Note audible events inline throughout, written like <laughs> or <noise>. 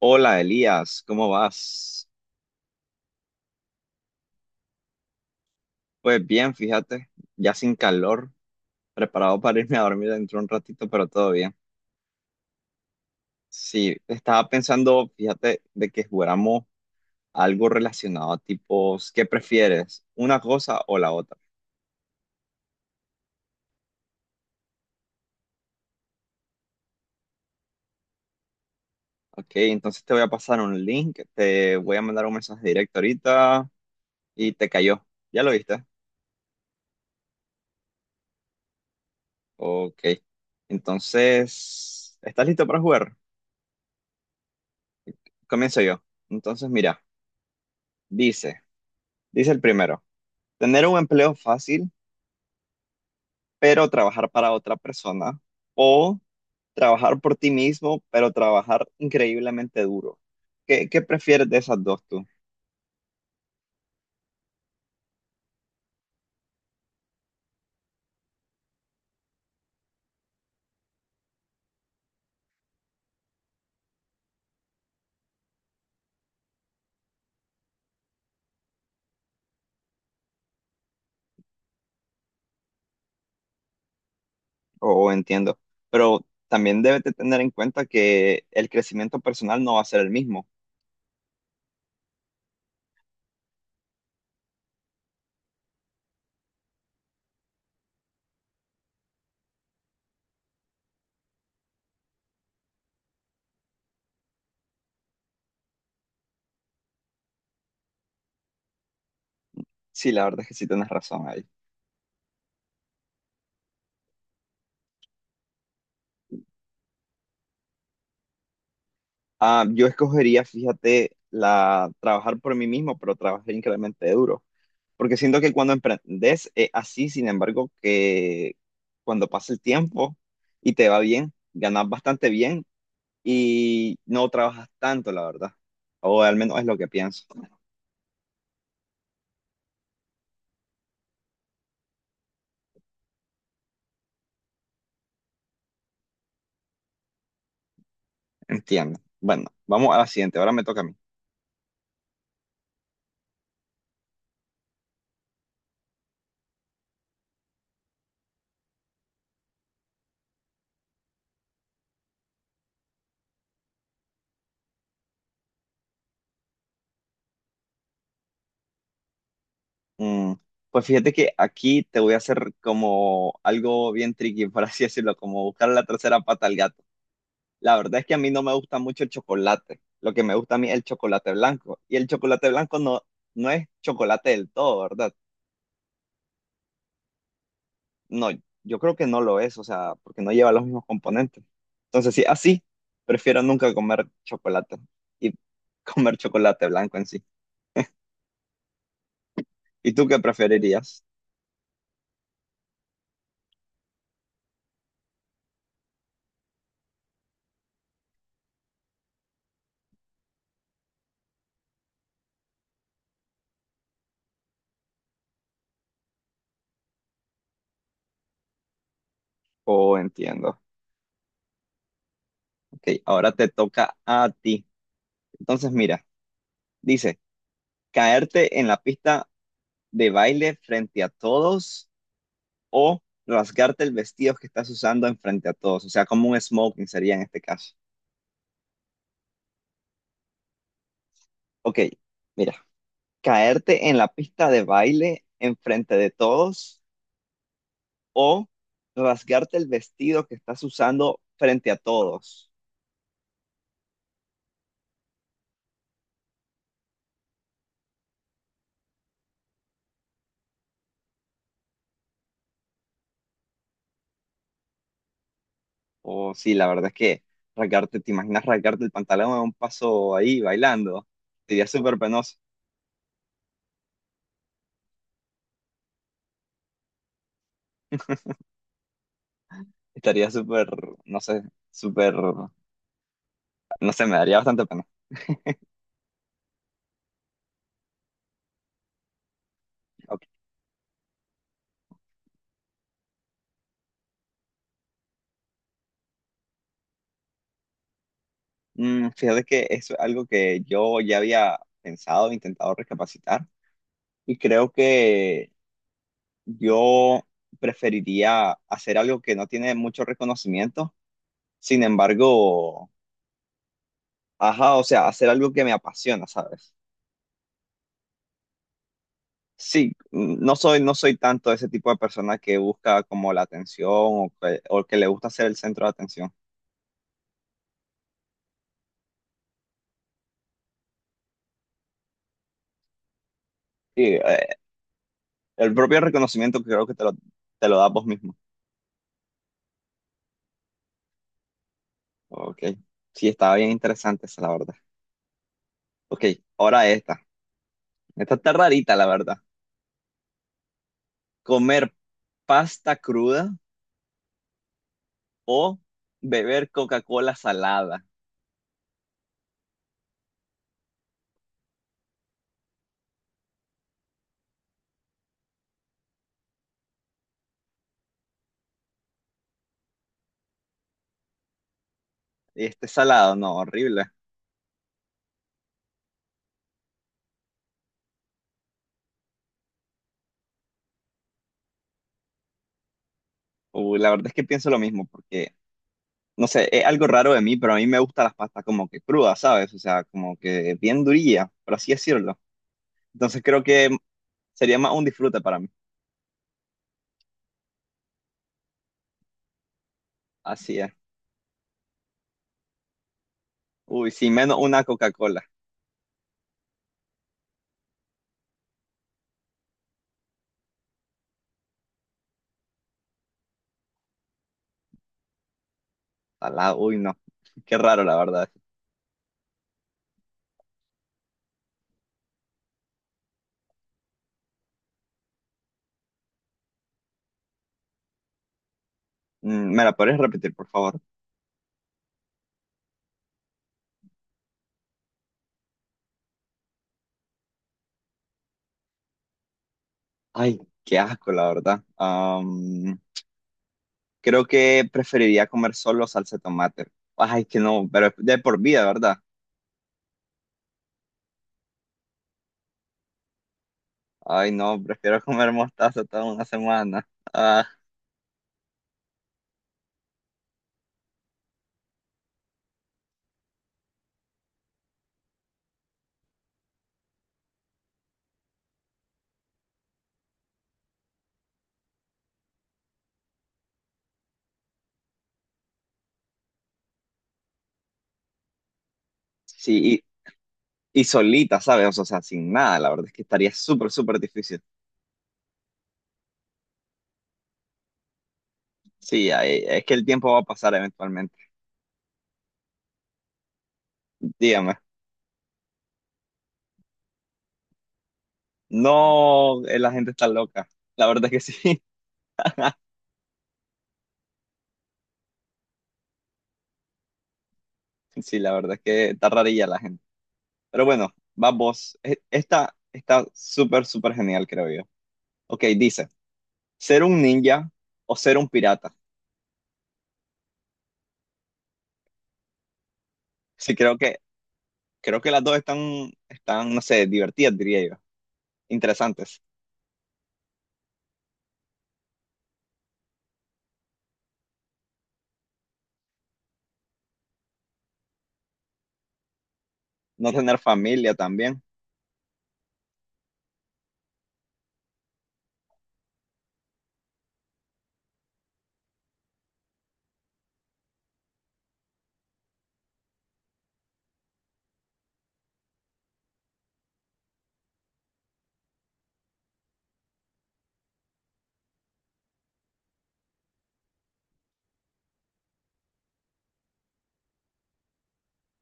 Hola Elías, ¿cómo vas? Pues bien, fíjate, ya sin calor, preparado para irme a dormir dentro de un ratito, pero todo bien. Sí, estaba pensando, fíjate, de que jugáramos algo relacionado a tipos, ¿qué prefieres? ¿Una cosa o la otra? Ok, entonces te voy a pasar un link, te voy a mandar un mensaje directo ahorita y te cayó. ¿Ya lo viste? Ok, entonces, ¿estás listo para jugar? Comienzo yo. Entonces, mira, dice, dice el primero. Tener un empleo fácil, pero trabajar para otra persona. O trabajar por ti mismo, pero trabajar increíblemente duro. ¿Qué prefieres de esas dos tú? O entiendo. Pero también debes de tener en cuenta que el crecimiento personal no va a ser el mismo. Sí, la verdad es que sí tienes razón ahí. Ah, yo escogería, fíjate, la trabajar por mí mismo, pero trabajar increíblemente duro. Porque siento que cuando emprendes es así, sin embargo, que cuando pasa el tiempo y te va bien, ganas bastante bien y no trabajas tanto, la verdad. O al menos es lo que pienso. Entiendo. Bueno, vamos a la siguiente. Ahora me toca a mí. Mm, pues fíjate que aquí te voy a hacer como algo bien tricky, <laughs> por así decirlo, como buscar la tercera pata al gato. La verdad es que a mí no me gusta mucho el chocolate. Lo que me gusta a mí es el chocolate blanco. Y el chocolate blanco no, no es chocolate del todo, ¿verdad? No, yo creo que no lo es, o sea, porque no lleva los mismos componentes. Entonces, sí, así, prefiero nunca comer chocolate y <laughs> comer chocolate blanco en sí. ¿Y tú qué preferirías? Oh, entiendo. Ok, ahora te toca a ti. Entonces, mira, dice, caerte en la pista de baile frente a todos o rasgarte el vestido que estás usando en frente a todos, o sea, como un smoking sería en este caso. Ok, mira, caerte en la pista de baile enfrente de todos o rasgarte el vestido que estás usando frente a todos. O sí, la verdad es que rasgarte, ¿te imaginas rasgarte el pantalón a un paso ahí bailando? Sería súper penoso. Estaría no sé, súper, no sé, me daría bastante pena. Ok. Fíjate que eso es algo que yo ya había pensado, intentado recapacitar y creo que yo preferiría hacer algo que no tiene mucho reconocimiento. Sin embargo, ajá, o sea, hacer algo que me apasiona, ¿sabes? Sí, no soy tanto ese tipo de persona que busca como la atención o que le gusta ser el centro de atención. Sí, el propio reconocimiento que creo que te lo das vos mismo. Ok, sí, estaba bien interesante esa, la verdad. Ok, ahora esta. Esta está rarita, la verdad. Comer pasta cruda o beber Coca-Cola salada. Este salado, no, horrible. La verdad es que pienso lo mismo porque no sé, es algo raro de mí, pero a mí me gustan las pastas como que crudas, ¿sabes? O sea, como que bien durilla, por así decirlo. Entonces creo que sería más un disfrute para mí. Así es. Uy, sí, menos una Coca-Cola. Salada, uy, no. Qué raro, la verdad. ¿Me la podrías repetir, por favor? Ay, qué asco, la verdad. Creo que preferiría comer solo salsa de tomate. Ay, que no, pero de por vida, ¿verdad? Ay, no, prefiero comer mostaza toda una semana. Ah, sí, y solita, ¿sabes? O sea, sin nada, la verdad es que estaría súper, súper difícil. Sí, ahí- es que el tiempo va a pasar eventualmente. Dígame. No, la gente está loca. La verdad es que sí. <laughs> Sí, la verdad es que está rarilla la gente. Pero bueno, va vos. E- esta está súper, súper genial, creo yo. Ok, dice, ¿ser un ninja o ser un pirata? Sí, creo que las dos están, no sé, divertidas, diría yo. Interesantes. No tener familia también.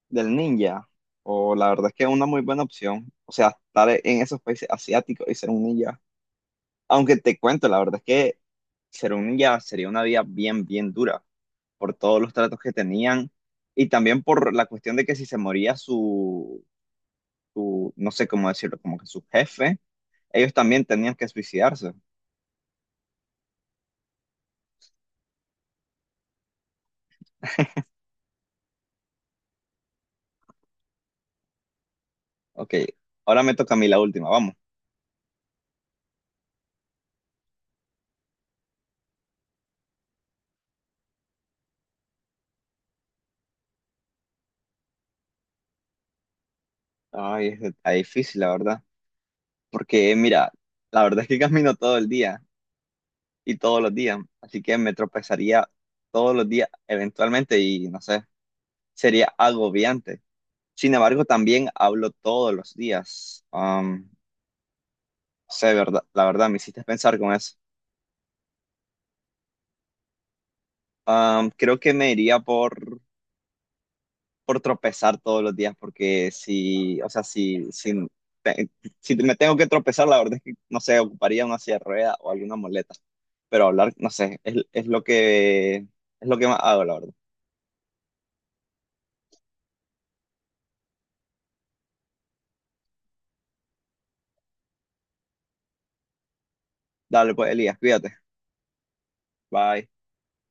Del ninja, o la verdad es que es una muy buena opción, o sea, estar en esos países asiáticos y ser un ninja. Aunque te cuento, la verdad es que ser un ninja sería una vida bien, bien dura por todos los tratos que tenían y también por la cuestión de que si se moría no sé cómo decirlo, como que su jefe, ellos también tenían que suicidarse. Ok, ahora me toca a mí la última, vamos. Ay, es- está difícil, la verdad, porque mira, la verdad es que <laughs> camino todo el día y todos los días. Así que me tropezaría todos los días eventualmente y no sé, sería agobiante. Sin embargo, también hablo todos los días. Sé, verdad, la verdad, me hiciste pensar con eso. Creo que me iría por tropezar todos los días porque si, o sea, te- si me tengo que tropezar, la verdad es que, no sé, ocuparía una silla de rueda o alguna muleta. Pero hablar, no sé, es lo que más hago, la verdad. Dale, pues, Elías, cuídate. Bye.